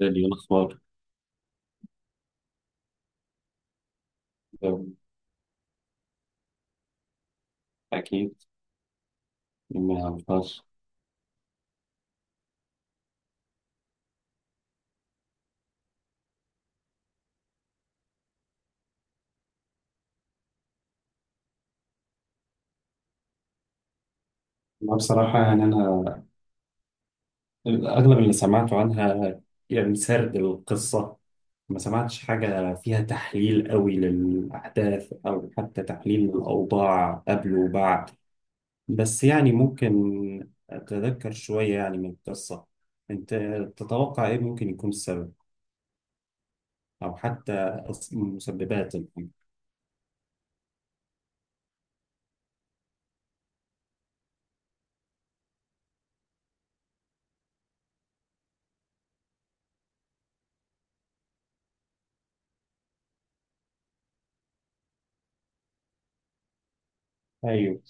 دالي الأخبار، أكيد ما فيهاش. أنا بصراحة يعني، أنا أغلب اللي سمعته عنها يعني سرد القصة، ما سمعتش حاجة فيها تحليل قوي للأحداث أو حتى تحليل للأوضاع قبل وبعد. بس يعني ممكن أتذكر شوية يعني من القصة. أنت تتوقع إيه ممكن يكون السبب، أو حتى مسببات الحاجة؟ أيوه.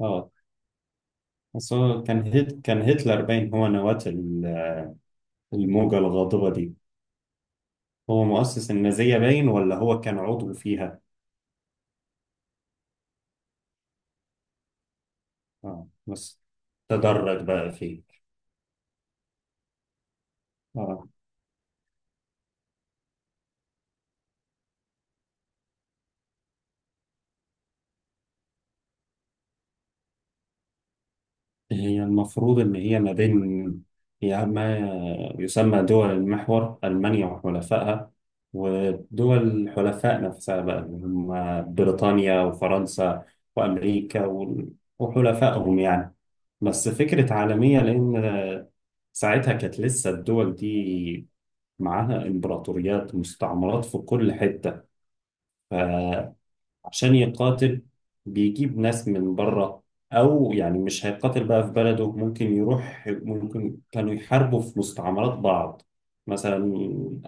أه، بس هو كان هتلر باين هو نواة الموجة الغاضبة دي. هو مؤسس النازية باين ولا هو كان عضو فيها؟ اه بس تدرج بقى فيه. اه، هي المفروض ان هي ما بين، هي ما يسمى دول المحور، ألمانيا وحلفائها، ودول الحلفاء نفسها بقى اللي هم بريطانيا وفرنسا وأمريكا وحلفائهم يعني. بس فكرة عالمية، لأن ساعتها كانت لسه الدول دي معاها إمبراطوريات، مستعمرات في كل حتة، فعشان يقاتل بيجيب ناس من بره، أو يعني مش هيقاتل بقى في بلده، ممكن يروح، ممكن كانوا يحاربوا في مستعمرات بعض. مثلا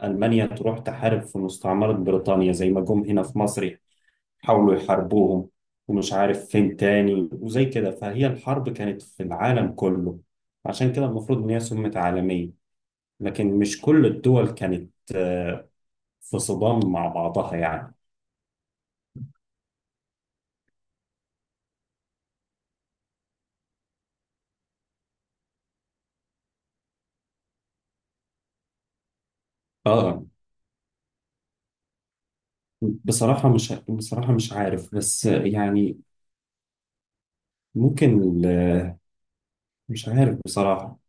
ألمانيا تروح تحارب في مستعمرة بريطانيا، زي ما جم هنا في مصر حاولوا يحاربوهم، ومش عارف فين تاني وزي كده. فهي الحرب كانت في العالم كله، عشان كده المفروض إن هي سمت عالمية، لكن مش كل الدول كانت في صدام مع بعضها يعني. اه، بصراحة مش عارف، بس يعني ممكن مش عارف بصراحة.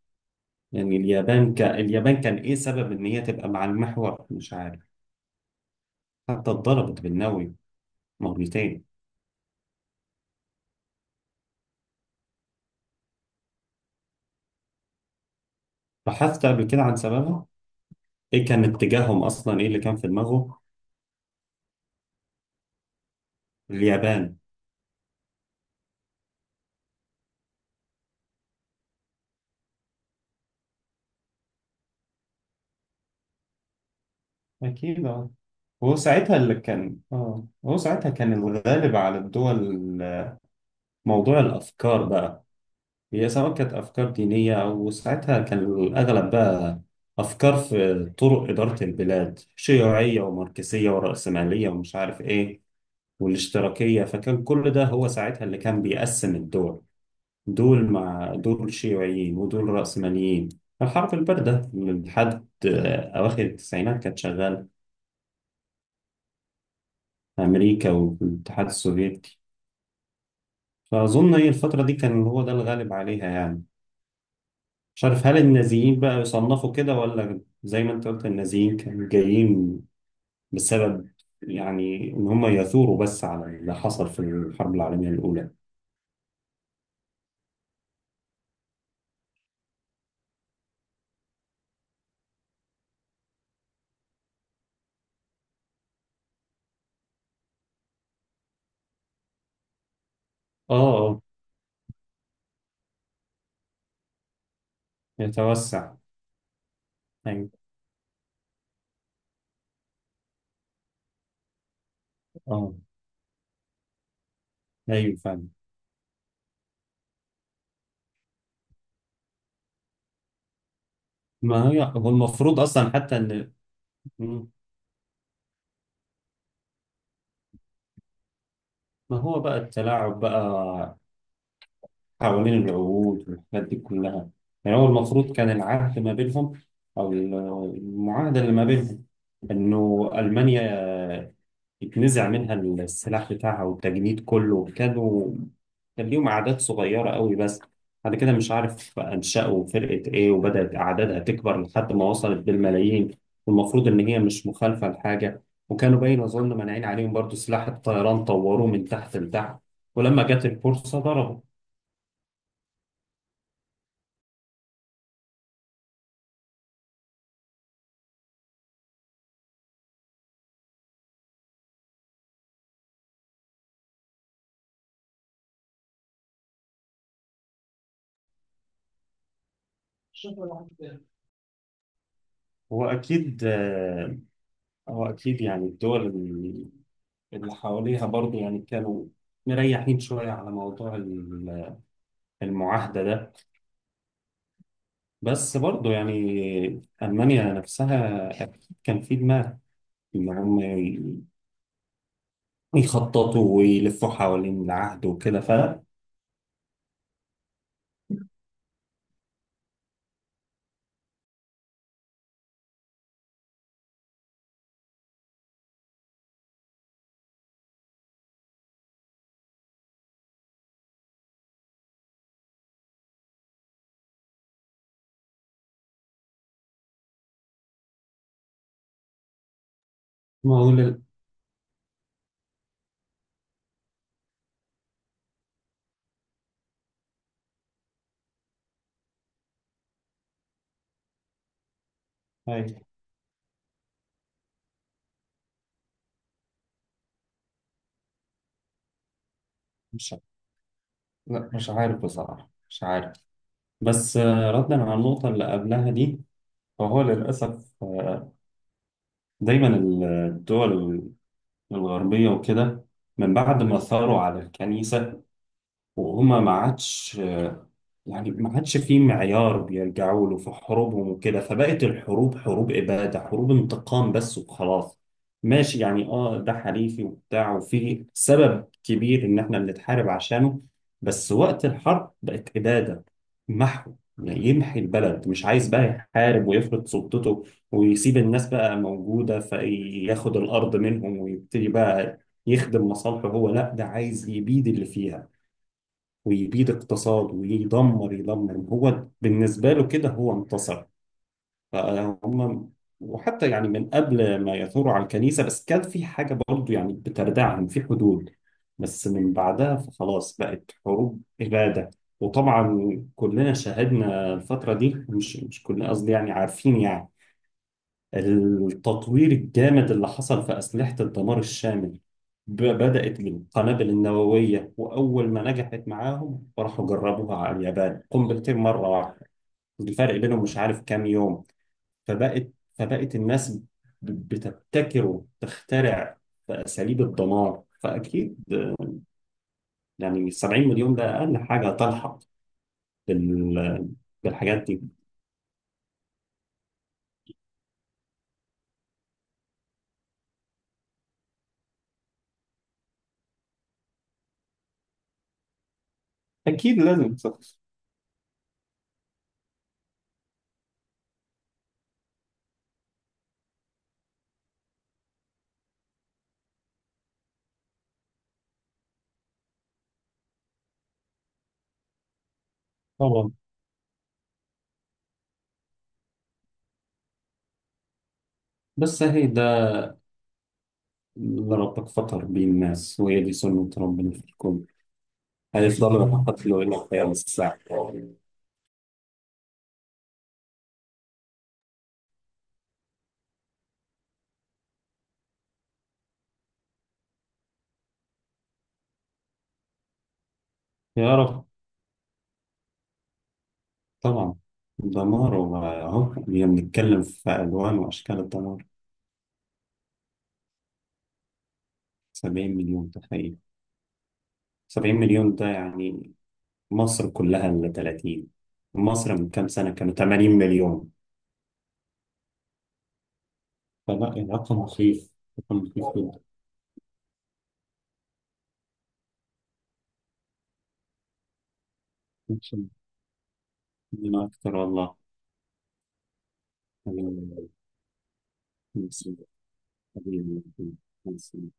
يعني اليابان اليابان كان ايه سبب ان هي تبقى مع المحور؟ مش عارف. حتى اتضربت بالنووي مرتين. بحثت قبل كده عن سببها، ايه كان اتجاههم اصلا، ايه اللي كان في دماغه؟ اليابان. أكيد اه. هو ساعتها اللي كان، هو ساعتها كان الغالب على الدول موضوع الأفكار بقى. هي سواء كانت أفكار دينية، أو ساعتها كان الأغلب بقى أفكار في طرق إدارة البلاد، شيوعية وماركسية ورأسمالية ومش عارف إيه والاشتراكية. فكان كل ده هو ساعتها اللي كان بيقسم الدول، دول مع دول شيوعيين ودول رأسماليين. الحرب الباردة من لحد أواخر التسعينات كانت شغالة في أمريكا والاتحاد السوفيتي. فأظن هي الفترة دي كان هو ده الغالب عليها يعني. مش عارف هل النازيين بقى يصنفوا كده، ولا زي ما انت قلت النازيين كانوا جايين بسبب يعني ان هم يثوروا بس على اللي حصل في الحرب العالمية الأولى. اه اه. يتوسع. ايوه. اه. ايوه فعلا. ما هي، هو المفروض اصلا حتى ان... مم. ما هو بقى التلاعب بقى حوالين العهود والحاجات دي كلها. يعني هو المفروض كان العهد ما بينهم، او المعاهدة اللي ما بينهم، انه ألمانيا اتنزع منها السلاح بتاعها، والتجنيد كله كانوا، كان ليهم أعداد صغيرة قوي. بس بعد كده مش عارف أنشأوا فرقة إيه، وبدأت أعدادها تكبر لحد ما وصلت بالملايين. والمفروض إن هي مش مخالفة لحاجة، وكانوا باين أظن مانعين عليهم برضو سلاح الطيران، طوروه من تحت لتحت، ولما جت الفرصة ضربوا. هو أكيد هو أكيد يعني الدول اللي حواليها برضو يعني كانوا مريحين شوية على موضوع المعاهدة ده. بس برضه يعني ألمانيا نفسها أكيد كان في دماغ إن هم يخططوا ويلفوا حوالين العهد وكده. فمعقول أيوة. مش لا، مش عارف بصراحة، مش عارف. بس ردا على النقطة اللي قبلها دي، فهو للأسف دايما الدول الغربية وكده، من بعد ما ثاروا على الكنيسة وهما ما عادش يعني، ما عادش في معيار بيرجعوا له في حروبهم وكده، فبقت الحروب حروب إبادة، حروب انتقام بس وخلاص. ماشي يعني، ده حليفي وبتاع، وفي سبب كبير ان احنا بنتحارب عشانه، بس وقت الحرب بقت إبادة، محو. يعني يمحي البلد، مش عايز بقى يحارب ويفرض سلطته ويسيب الناس بقى موجودة، فياخد الأرض منهم ويبتدي بقى يخدم مصالحه، هو لا ده عايز يبيد اللي فيها، ويبيد اقتصاد، ويدمر هو بالنسبة له كده هو انتصر. فهم. وحتى يعني من قبل ما يثوروا على الكنيسة بس كان في حاجة برضو يعني بتردعهم في حدود، بس من بعدها فخلاص بقت حروب إبادة. وطبعا كلنا شاهدنا الفترة دي، مش كلنا قصدي، يعني عارفين يعني التطوير الجامد اللي حصل في أسلحة الدمار الشامل. بدأت بالقنابل النووية، وأول ما نجحت معاهم راحوا جربوها على اليابان، قنبلتين مرة واحدة، الفرق بينهم مش عارف كام يوم. فبقت فبقت الناس بتبتكر وتخترع في أساليب الدمار. فأكيد يعني 70 مليون ده أقل حاجة تلحق بال- بالحاجات دي. أكيد لازم تخلص. طبعا. بس هي ده، إن ربك فطر بيه الناس، وهي دي سنة ربنا في الكون، هيفضلوا يقتلوا إلى قيام الساعة. يا رب. طبعا. دمار، وأهو بنتكلم في ألوان وأشكال الدمار. 70 مليون، تخيل. 70 مليون ده يعني مصر كلها، اللي 30، مصر من كام سنة كانوا 80 مليون. فلا، الرقم مخيف، رقم مخيف جدا. إن شاء الله. ربنا أكتر والله، حبيبي، حبيبي، حبيبي، حبيبي.